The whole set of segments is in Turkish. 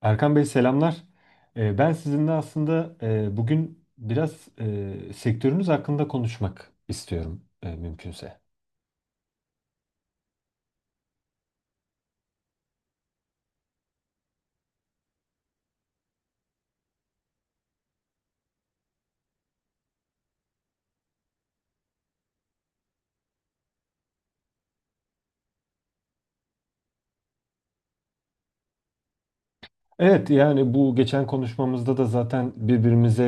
Erkan Bey selamlar. Ben sizinle aslında bugün biraz sektörünüz hakkında konuşmak istiyorum mümkünse. Evet yani bu geçen konuşmamızda da zaten birbirimize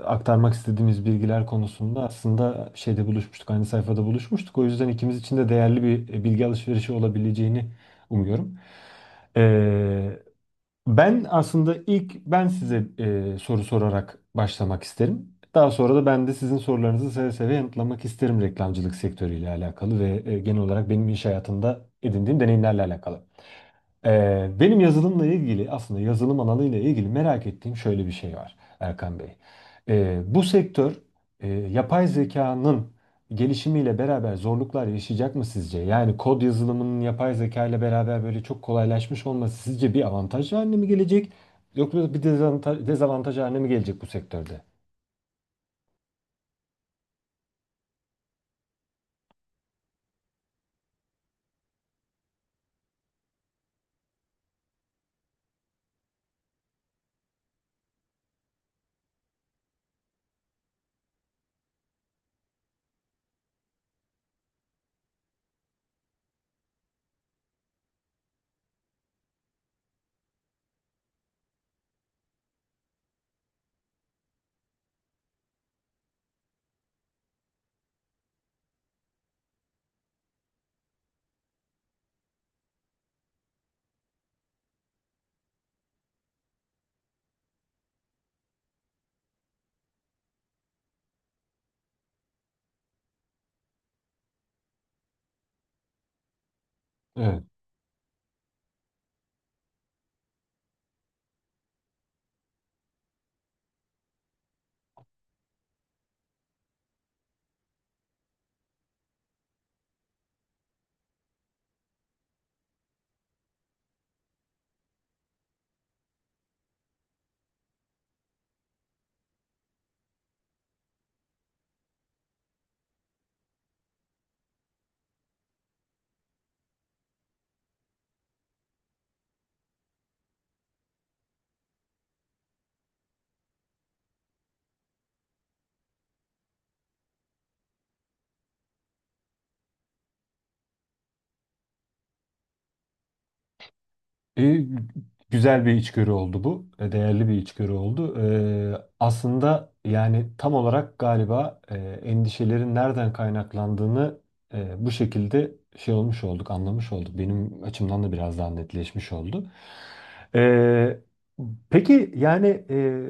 aktarmak istediğimiz bilgiler konusunda aslında şeyde buluşmuştuk, aynı sayfada buluşmuştuk. O yüzden ikimiz için de değerli bir bilgi alışverişi olabileceğini umuyorum. Ee, Ben aslında ilk size soru sorarak başlamak isterim. Daha sonra da ben de sizin sorularınızı seve seve yanıtlamak isterim reklamcılık sektörüyle alakalı ve genel olarak benim iş hayatımda edindiğim deneyimlerle alakalı. Benim yazılımla ilgili aslında yazılım alanıyla ilgili merak ettiğim şöyle bir şey var Erkan Bey. Bu sektör yapay zekanın gelişimiyle beraber zorluklar yaşayacak mı sizce? Yani kod yazılımının yapay zeka ile beraber böyle çok kolaylaşmış olması sizce bir avantaj haline mi gelecek? Yoksa bir dezavantaj, haline mi gelecek bu sektörde? Evet. E, güzel bir içgörü oldu bu. E, değerli bir içgörü oldu. Aslında yani tam olarak galiba endişelerin nereden kaynaklandığını bu şekilde şey olmuş olduk, anlamış olduk. Benim açımdan da biraz daha netleşmiş oldu. E, peki yani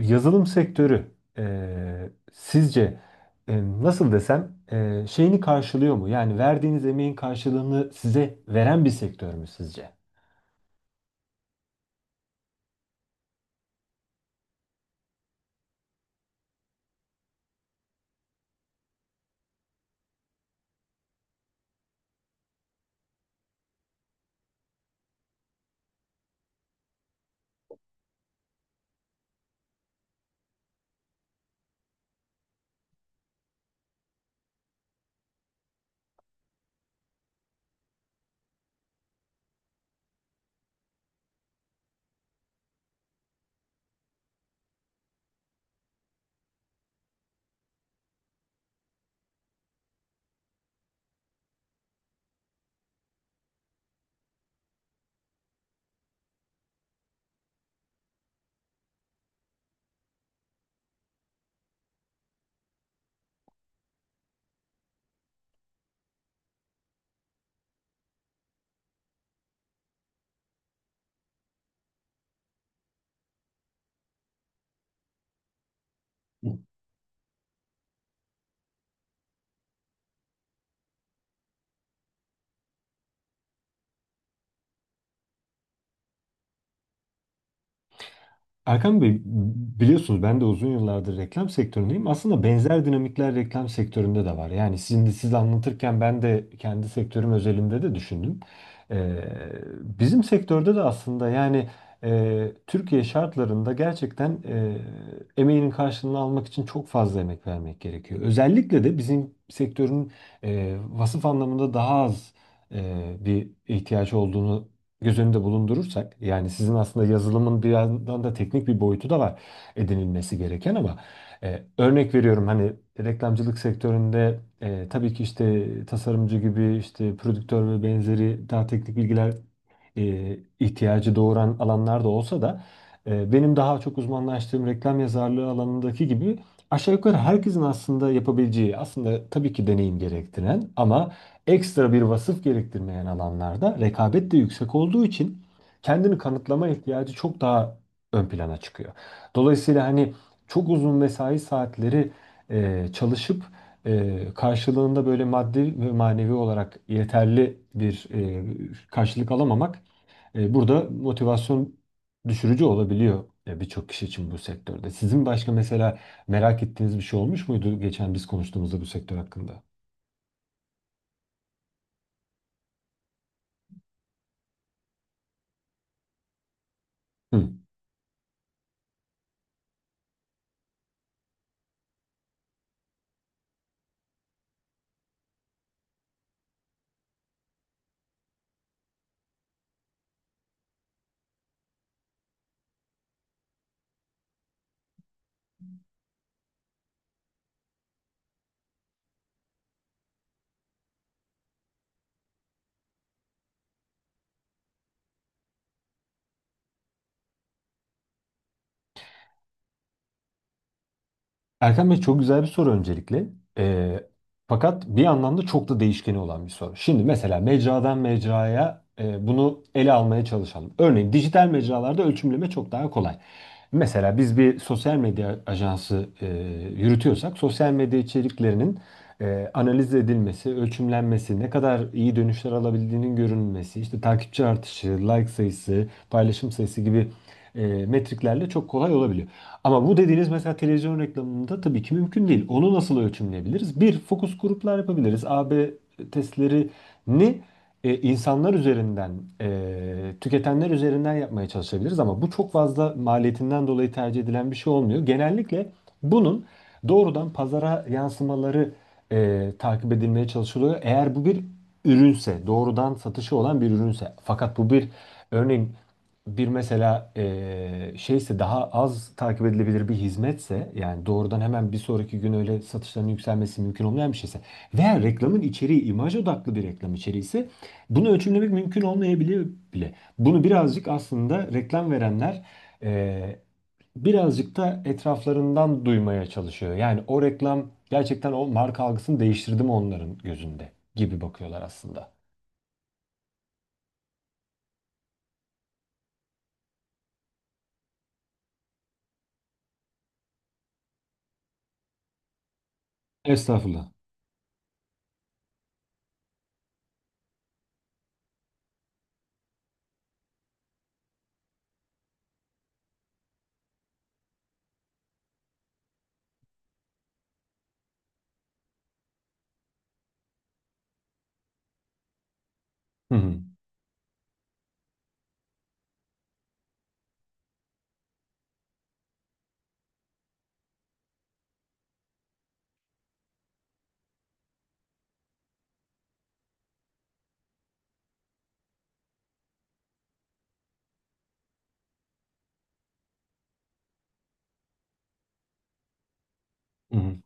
yazılım sektörü sizce nasıl desem şeyini karşılıyor mu? Yani verdiğiniz emeğin karşılığını size veren bir sektör mü sizce? Erkan Bey biliyorsunuz ben de uzun yıllardır reklam sektöründeyim. Aslında benzer dinamikler reklam sektöründe de var. Yani sizin de siz anlatırken ben de kendi sektörüm özelinde de düşündüm. Ee, bizim sektörde de aslında yani Türkiye şartlarında gerçekten emeğinin karşılığını almak için çok fazla emek vermek gerekiyor. Özellikle de bizim sektörün vasıf anlamında daha az bir ihtiyaç olduğunu göz önünde bulundurursak yani sizin aslında yazılımın bir yandan da teknik bir boyutu da var edinilmesi gereken ama örnek veriyorum hani reklamcılık sektöründe tabii ki işte tasarımcı gibi işte prodüktör ve benzeri daha teknik bilgiler ihtiyacı doğuran alanlar da olsa da benim daha çok uzmanlaştığım reklam yazarlığı alanındaki gibi aşağı yukarı herkesin aslında yapabileceği aslında tabii ki deneyim gerektiren ama ekstra bir vasıf gerektirmeyen alanlarda rekabet de yüksek olduğu için kendini kanıtlama ihtiyacı çok daha ön plana çıkıyor. Dolayısıyla hani çok uzun mesai saatleri çalışıp karşılığında böyle maddi ve manevi olarak yeterli bir karşılık alamamak, burada motivasyon düşürücü olabiliyor birçok kişi için bu sektörde. Sizin başka mesela merak ettiğiniz bir şey olmuş muydu geçen biz konuştuğumuzda bu sektör hakkında? Hı. Erkan Bey çok güzel bir soru öncelikle. Ee, fakat bir yandan da çok da değişkeni olan bir soru. Şimdi mesela mecradan mecraya bunu ele almaya çalışalım. Örneğin dijital mecralarda ölçümleme çok daha kolay. Mesela biz bir sosyal medya ajansı yürütüyorsak sosyal medya içeriklerinin analiz edilmesi, ölçümlenmesi, ne kadar iyi dönüşler alabildiğinin görünmesi, işte takipçi artışı, like sayısı, paylaşım sayısı gibi metriklerle çok kolay olabiliyor. Ama bu dediğiniz mesela televizyon reklamında tabii ki mümkün değil. Onu nasıl ölçümleyebiliriz? Bir, fokus gruplar yapabiliriz. A B testlerini insanlar üzerinden, e, tüketenler üzerinden yapmaya çalışabiliriz ama bu çok fazla maliyetinden dolayı tercih edilen bir şey olmuyor. Genellikle bunun doğrudan pazara yansımaları takip edilmeye çalışılıyor. Eğer bu bir ürünse, doğrudan satışı olan bir ürünse. Fakat bu bir örneğin bir mesela şeyse daha az takip edilebilir bir hizmetse yani doğrudan hemen bir sonraki gün öyle satışların yükselmesi mümkün olmayan bir şeyse veya reklamın içeriği imaj odaklı bir reklam içeriği bunu ölçümlemek mümkün olmayabiliyor bile. Bunu birazcık aslında reklam verenler e, birazcık da etraflarından duymaya çalışıyor. Yani o reklam gerçekten o marka algısını değiştirdi mi onların gözünde gibi bakıyorlar aslında. Estağfurullah. Hı hı. Hı hı.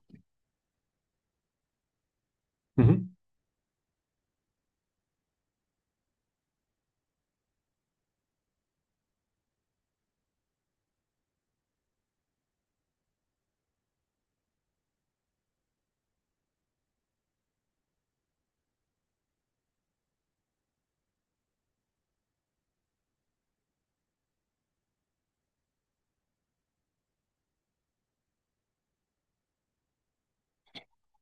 Hı hı.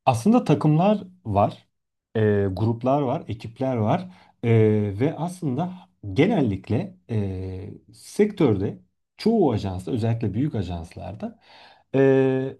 Aslında takımlar var, e, gruplar var, ekipler var. E, ve aslında genellikle sektörde çoğu ajansta özellikle büyük ajanslarda e,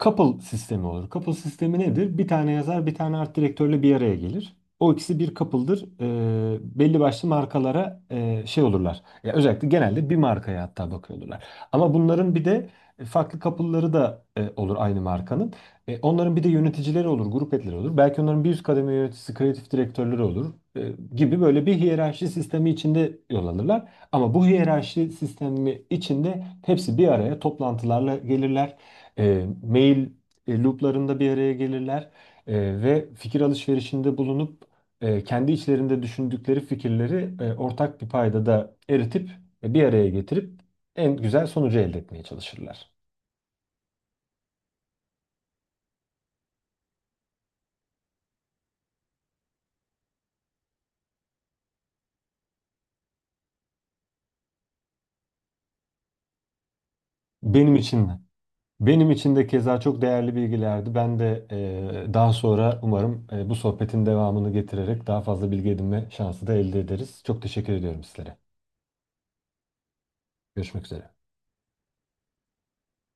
couple sistemi olur. Couple sistemi nedir? Bir tane yazar, bir tane art direktörle bir araya gelir. O ikisi bir couple'dır. Belli başlı markalara şey olurlar. Ya özellikle genelde bir markaya hatta bakıyorlar. Ama bunların bir de farklı couple'ları da olur aynı markanın. Onların bir de yöneticileri olur, grup etleri olur. Belki onların bir üst kademe yöneticisi, kreatif direktörleri olur gibi böyle bir hiyerarşi sistemi içinde yol alırlar. Ama bu hiyerarşi sistemi içinde hepsi bir araya toplantılarla gelirler, mail looplarında bir araya gelirler, ve fikir alışverişinde bulunup kendi içlerinde düşündükleri fikirleri ortak bir payda da eritip bir araya getirip en güzel sonucu elde etmeye çalışırlar. Benim için de. Benim için de keza çok değerli bilgilerdi. Ben de daha sonra umarım bu sohbetin devamını getirerek daha fazla bilgi edinme şansı da elde ederiz. Çok teşekkür ediyorum sizlere. Görüşmek üzere.